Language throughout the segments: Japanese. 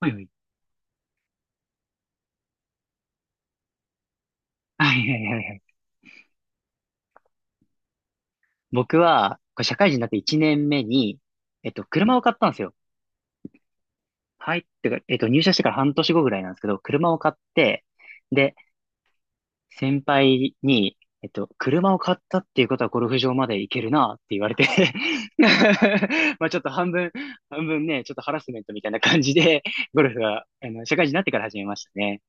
はいはい。はいはいはいはいい。僕は、これ社会人になって1年目に、車を買ったんですよ。はい。ってか、入社してから半年後ぐらいなんですけど、車を買って、で、先輩に、車を買ったっていうことはゴルフ場まで行けるなって言われて。 まあちょっと半分、半分ね、ちょっとハラスメントみたいな感じで、ゴルフは、社会人になってから始めましたね。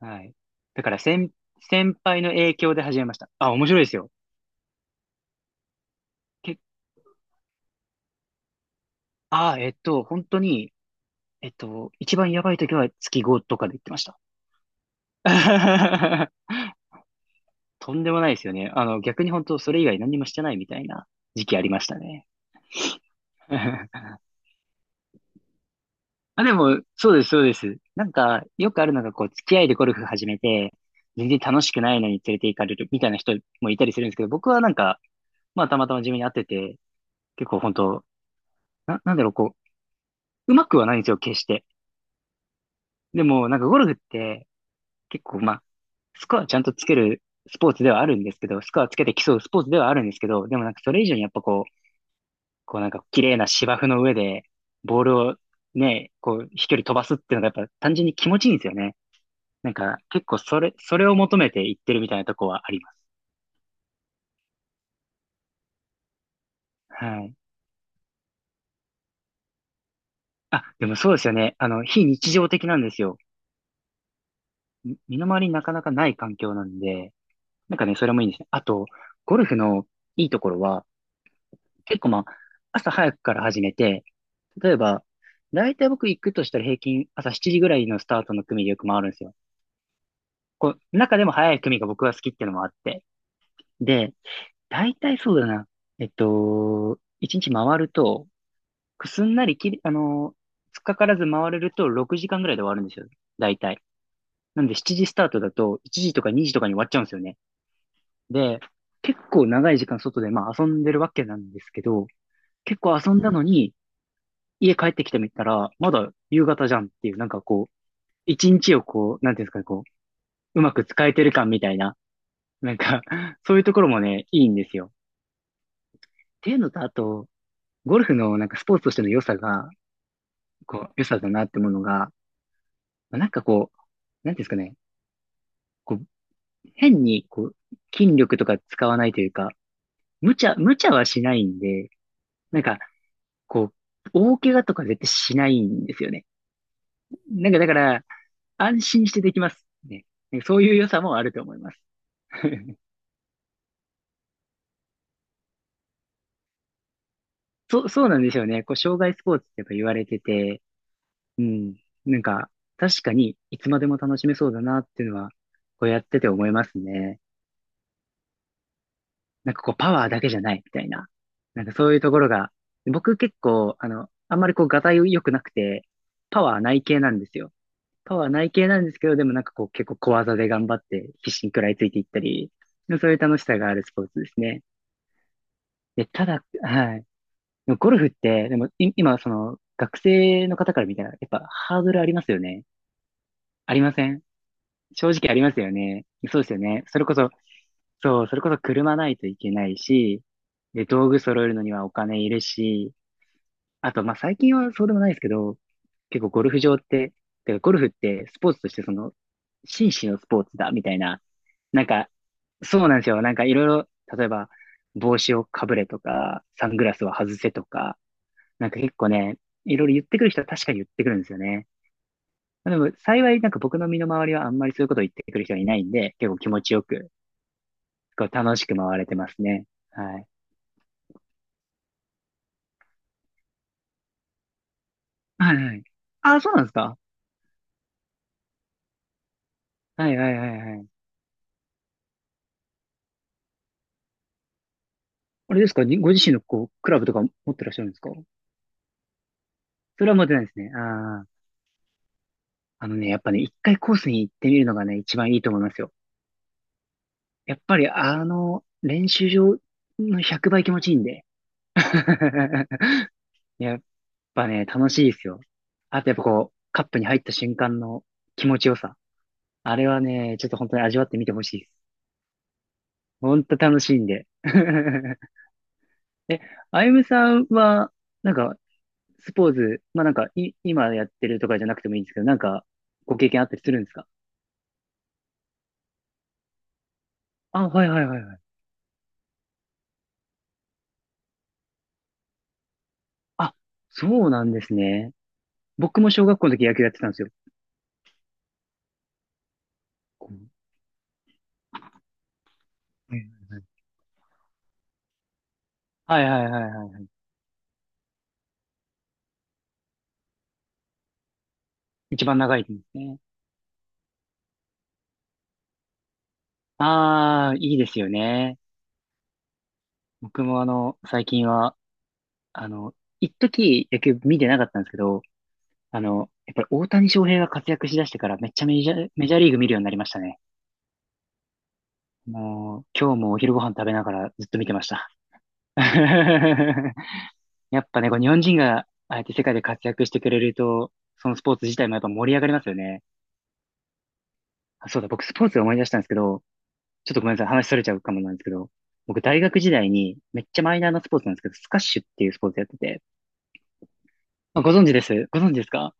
はい。だから先輩の影響で始めました。あ、面白いですよ。け、あ、本当に、一番やばい時は月ごとかで言ってました。とんでもないですよね。逆に本当それ以外何もしてないみたいな時期ありましたね。あ、でも、そうです、そうです。なんか、よくあるのが、こう、付き合いでゴルフ始めて、全然楽しくないのに連れて行かれるみたいな人もいたりするんですけど、僕はなんか、まあ、たまたま自分に合ってて、結構本当なんだろう、こう、うまくはないんですよ、決して。でも、なんかゴルフって、結構まあ、スコアちゃんとつけるスポーツではあるんですけど、スコアつけて競うスポーツではあるんですけど、でもなんかそれ以上にやっぱこう、こうなんか綺麗な芝生の上で、ボールをね、こう飛距離飛ばすっていうのがやっぱ単純に気持ちいいんですよね。なんか結構それを求めていってるみたいなとこはあります。はい。あ、でもそうですよね。非日常的なんですよ。身の回りになかなかない環境なんで、なんかね、それもいいんですね。あと、ゴルフのいいところは、結構まあ、朝早くから始めて、例えば、だいたい僕行くとしたら平均朝7時ぐらいのスタートの組でよく回るんですよ。こう、中でも早い組が僕は好きっていうのもあって。で、だいたいそうだな。1日回ると、すんなりきり、あのー、つっかからず回れると6時間ぐらいで終わるんですよ。だいたいなんで7時スタートだと1時とか2時とかに終わっちゃうんですよね。で、結構長い時間外でまあ遊んでるわけなんですけど、結構遊んだのに家帰ってきてみたら、まだ夕方じゃんっていう、なんかこう、一日をこう、なんていうんですかね、こう、うまく使えてる感みたいな、なんか そういうところもね、いいんですよ。っていうのと、あと、ゴルフのなんかスポーツとしての良さが、こう、良さだなってものが、まあなんかこう、なんていうんですかね、こう、変にこう、筋力とか使わないというか、無茶はしないんで、なんか、こう、大怪我とか絶対しないんですよね。なんかだから、安心してできますね。なんかそういう良さもあると思います。そう、そうなんですよね。こう、障害スポーツってやっぱ言われてて、うん。なんか、確かにいつまでも楽しめそうだなっていうのは、こうやってて思いますね。なんかこう、パワーだけじゃないみたいな。なんかそういうところが、僕結構、あんまりこう、がたい良くなくて、パワーない系なんですよ。パワーない系なんですけど、でもなんかこう、結構小技で頑張って必死に食らいついていったり、そういう楽しさがあるスポーツですね。で、ただ、はい。でもゴルフって、でもい今、その、学生の方から見たら、やっぱハードルありますよね。ありません？正直ありますよね。そうですよね。それこそ車ないといけないし、で、道具揃えるのにはお金いるし、あと、まあ、最近はそうでもないですけど、結構ゴルフ場って、てかゴルフってスポーツとしてその、紳士のスポーツだ、みたいな。なんか、そうなんですよ。なんかいろいろ、例えば、帽子をかぶれとか、サングラスは外せとか、なんか結構ね、いろいろ言ってくる人は確かに言ってくるんですよね。まあでも幸いなんか僕の身の回りはあんまりそういうことを言ってくる人はいないんで、結構気持ちよく、こう楽しく回れてますね。はい。はいはい。ああ、そうなんですか？はいはいはいはい。あれですかに、ご自身のこう、クラブとか持ってらっしゃるんですか？それは持ってないですね。ああ。あのね、やっぱね、一回コースに行ってみるのがね、一番いいと思いますよ。やっぱり練習場の100倍気持ちいいんで。いや、楽しいですよ。あとやっぱこう、カップに入った瞬間の気持ちよさ。あれはね、ちょっと本当に味わってみてほしいです。ほんと楽しいんで。え、あゆむさんは、なんか、スポーツ、まあなんか、今やってるとかじゃなくてもいいんですけど、なんか、ご経験あったりするんですか？あ、はいはいはいはい。あ、そうなんですね。僕も小学校の時野球やってたんですよ。こうはいはいはい。はいはい、一番長いですね。ああ、いいですよね。僕も最近はあの、一時野球見てなかったんですけど、やっぱり大谷翔平が活躍しだしてからめっちゃメジャーリーグ見るようになりましたね。もう、今日もお昼ご飯食べながらずっと見てました。やっぱね、こう日本人がああやって世界で活躍してくれると、そのスポーツ自体もやっぱ盛り上がりますよね。あ、そうだ、僕スポーツで思い出したんですけど、ちょっとごめんなさい、話それちゃうかもなんですけど、僕大学時代にめっちゃマイナーなスポーツなんですけど、スカッシュっていうスポーツやってて、あ、ご存知です。ご存知ですか？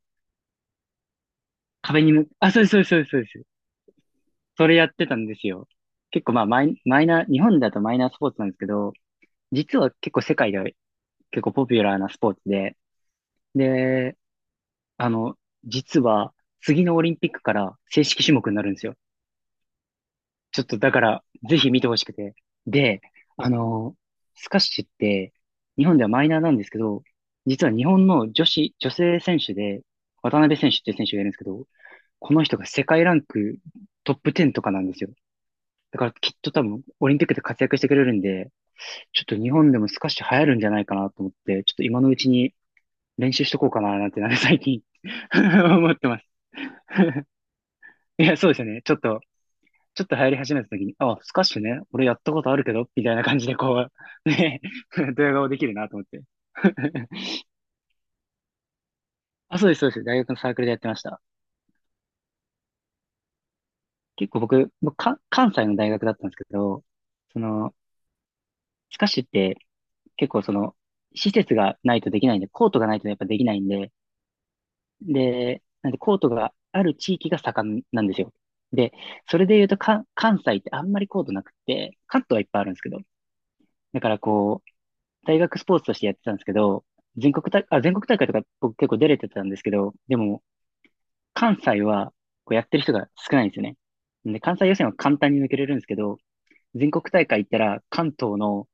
壁にむ、あ、そうです、そうです、そうです。それやってたんですよ。結構まあマイナー、日本だとマイナースポーツなんですけど、実は結構世界では結構ポピュラーなスポーツで、で、あの、実は次のオリンピックから正式種目になるんですよ。ちょっとだから、ぜひ見てほしくて。で、あの、スカッシュって、日本ではマイナーなんですけど、実は日本の女性選手で、渡辺選手っていう選手がいるんですけど、この人が世界ランクトップ10とかなんですよ。だからきっと多分オリンピックで活躍してくれるんで、ちょっと日本でもスカッシュ流行るんじゃないかなと思って、ちょっと今のうちに練習しとこうかななんてなんか最近 思ってます。いや、そうですよね。ちょっと流行り始めた時に、あ、スカッシュね、俺やったことあるけど、みたいな感じでこう、ね、ドヤ顔できるなと思って。あ、そうです、そうです。大学のサークルでやってました。結構僕関西の大学だったんですけど、その、スカッシュって結構施設がないとできないんで、コートがないとやっぱできないんで、で、なんでコートがある地域が盛んなんですよ。で、それで言うとか、関西ってあんまりコートなくて、関東はいっぱいあるんですけど、だからこう、大学スポーツとしてやってたんですけど、全国大会とか僕結構出れてたんですけど、でも、関西はこうやってる人が少ないんですよね。で、関西予選は簡単に抜けれるんですけど、全国大会行ったら関東の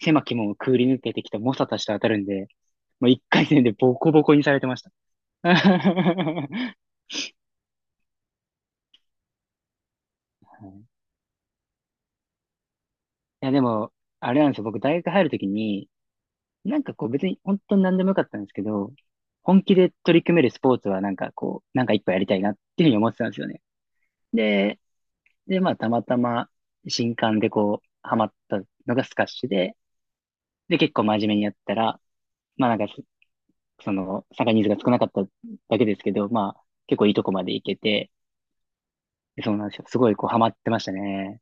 狭き門をくぐり抜けてきた猛者たちと当たるんで、もう一回戦でボコボコにされてました。いや、でも、あれなんですよ。僕、大学入るときに、なんかこう、別に本当に何でもよかったんですけど、本気で取り組めるスポーツは、なんかこう、なんか一個やりたいなっていうふうに思ってたんですよね。で、で、まあ、たまたま、新刊でこう、ハマったのがスカッシュで、で、結構真面目にやったら、まあ、その、参加人数が少なかっただけですけど、まあ、結構いいとこまで行けて、そうなんですよ。すごいこう、ハマってましたね。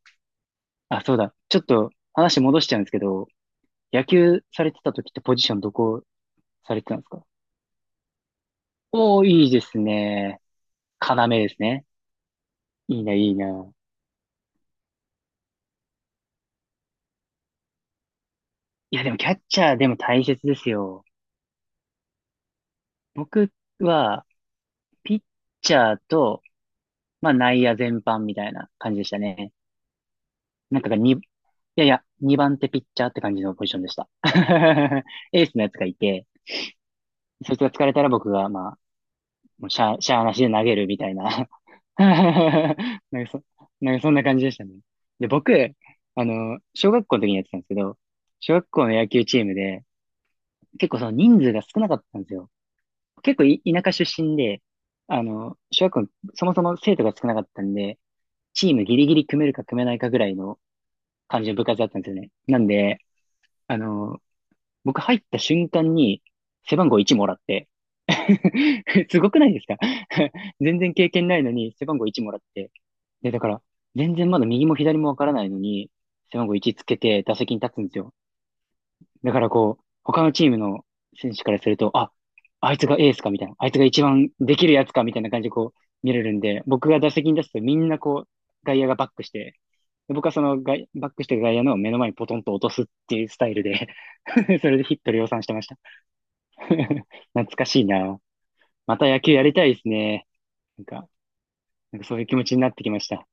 あ、そうだ。ちょっと、話戻しちゃうんですけど、野球されてた時ってポジションどこされてたんですか？おー、いいですね。要ですね。いいな、いいな。いや、でもキャッチャーでも大切ですよ。僕は、ピッチャーと、まあ内野全般みたいな感じでしたね。なんかがに、いやいや、2番手ピッチャーって感じのポジションでした。エースのやつがいて、そいつが疲れたら僕が、まあもうしゃあ、しゃーなしで投げるみたいな。なんかそ、なんかそんな感じでしたね。で、僕、あの、小学校の時にやってたんですけど、小学校の野球チームで、結構その人数が少なかったんですよ。結構い田舎出身で、あの、小学校の、そもそも生徒が少なかったんで、チームギリギリ組めるか組めないかぐらいの感じの部活だったんですよね。なんで、あの、僕入った瞬間に背番号1もらって、すごくないですか？ 全然経験ないのに背番号1もらって。で、だから、全然まだ右も左もわからないのに、背番号1つけて打席に立つんですよ。だからこう、他のチームの選手からすると、あ、あいつがエースかみたいな、あいつが一番できるやつかみたいな感じでこう見れるんで、僕が打席に出すとみんなこう、外野がバックして、で僕はその外バックしてガ外野の目の前にポトンと落とすっていうスタイルで それでヒット量産してました。懐かしいな。また野球やりたいですね。なんか、なんかそういう気持ちになってきました。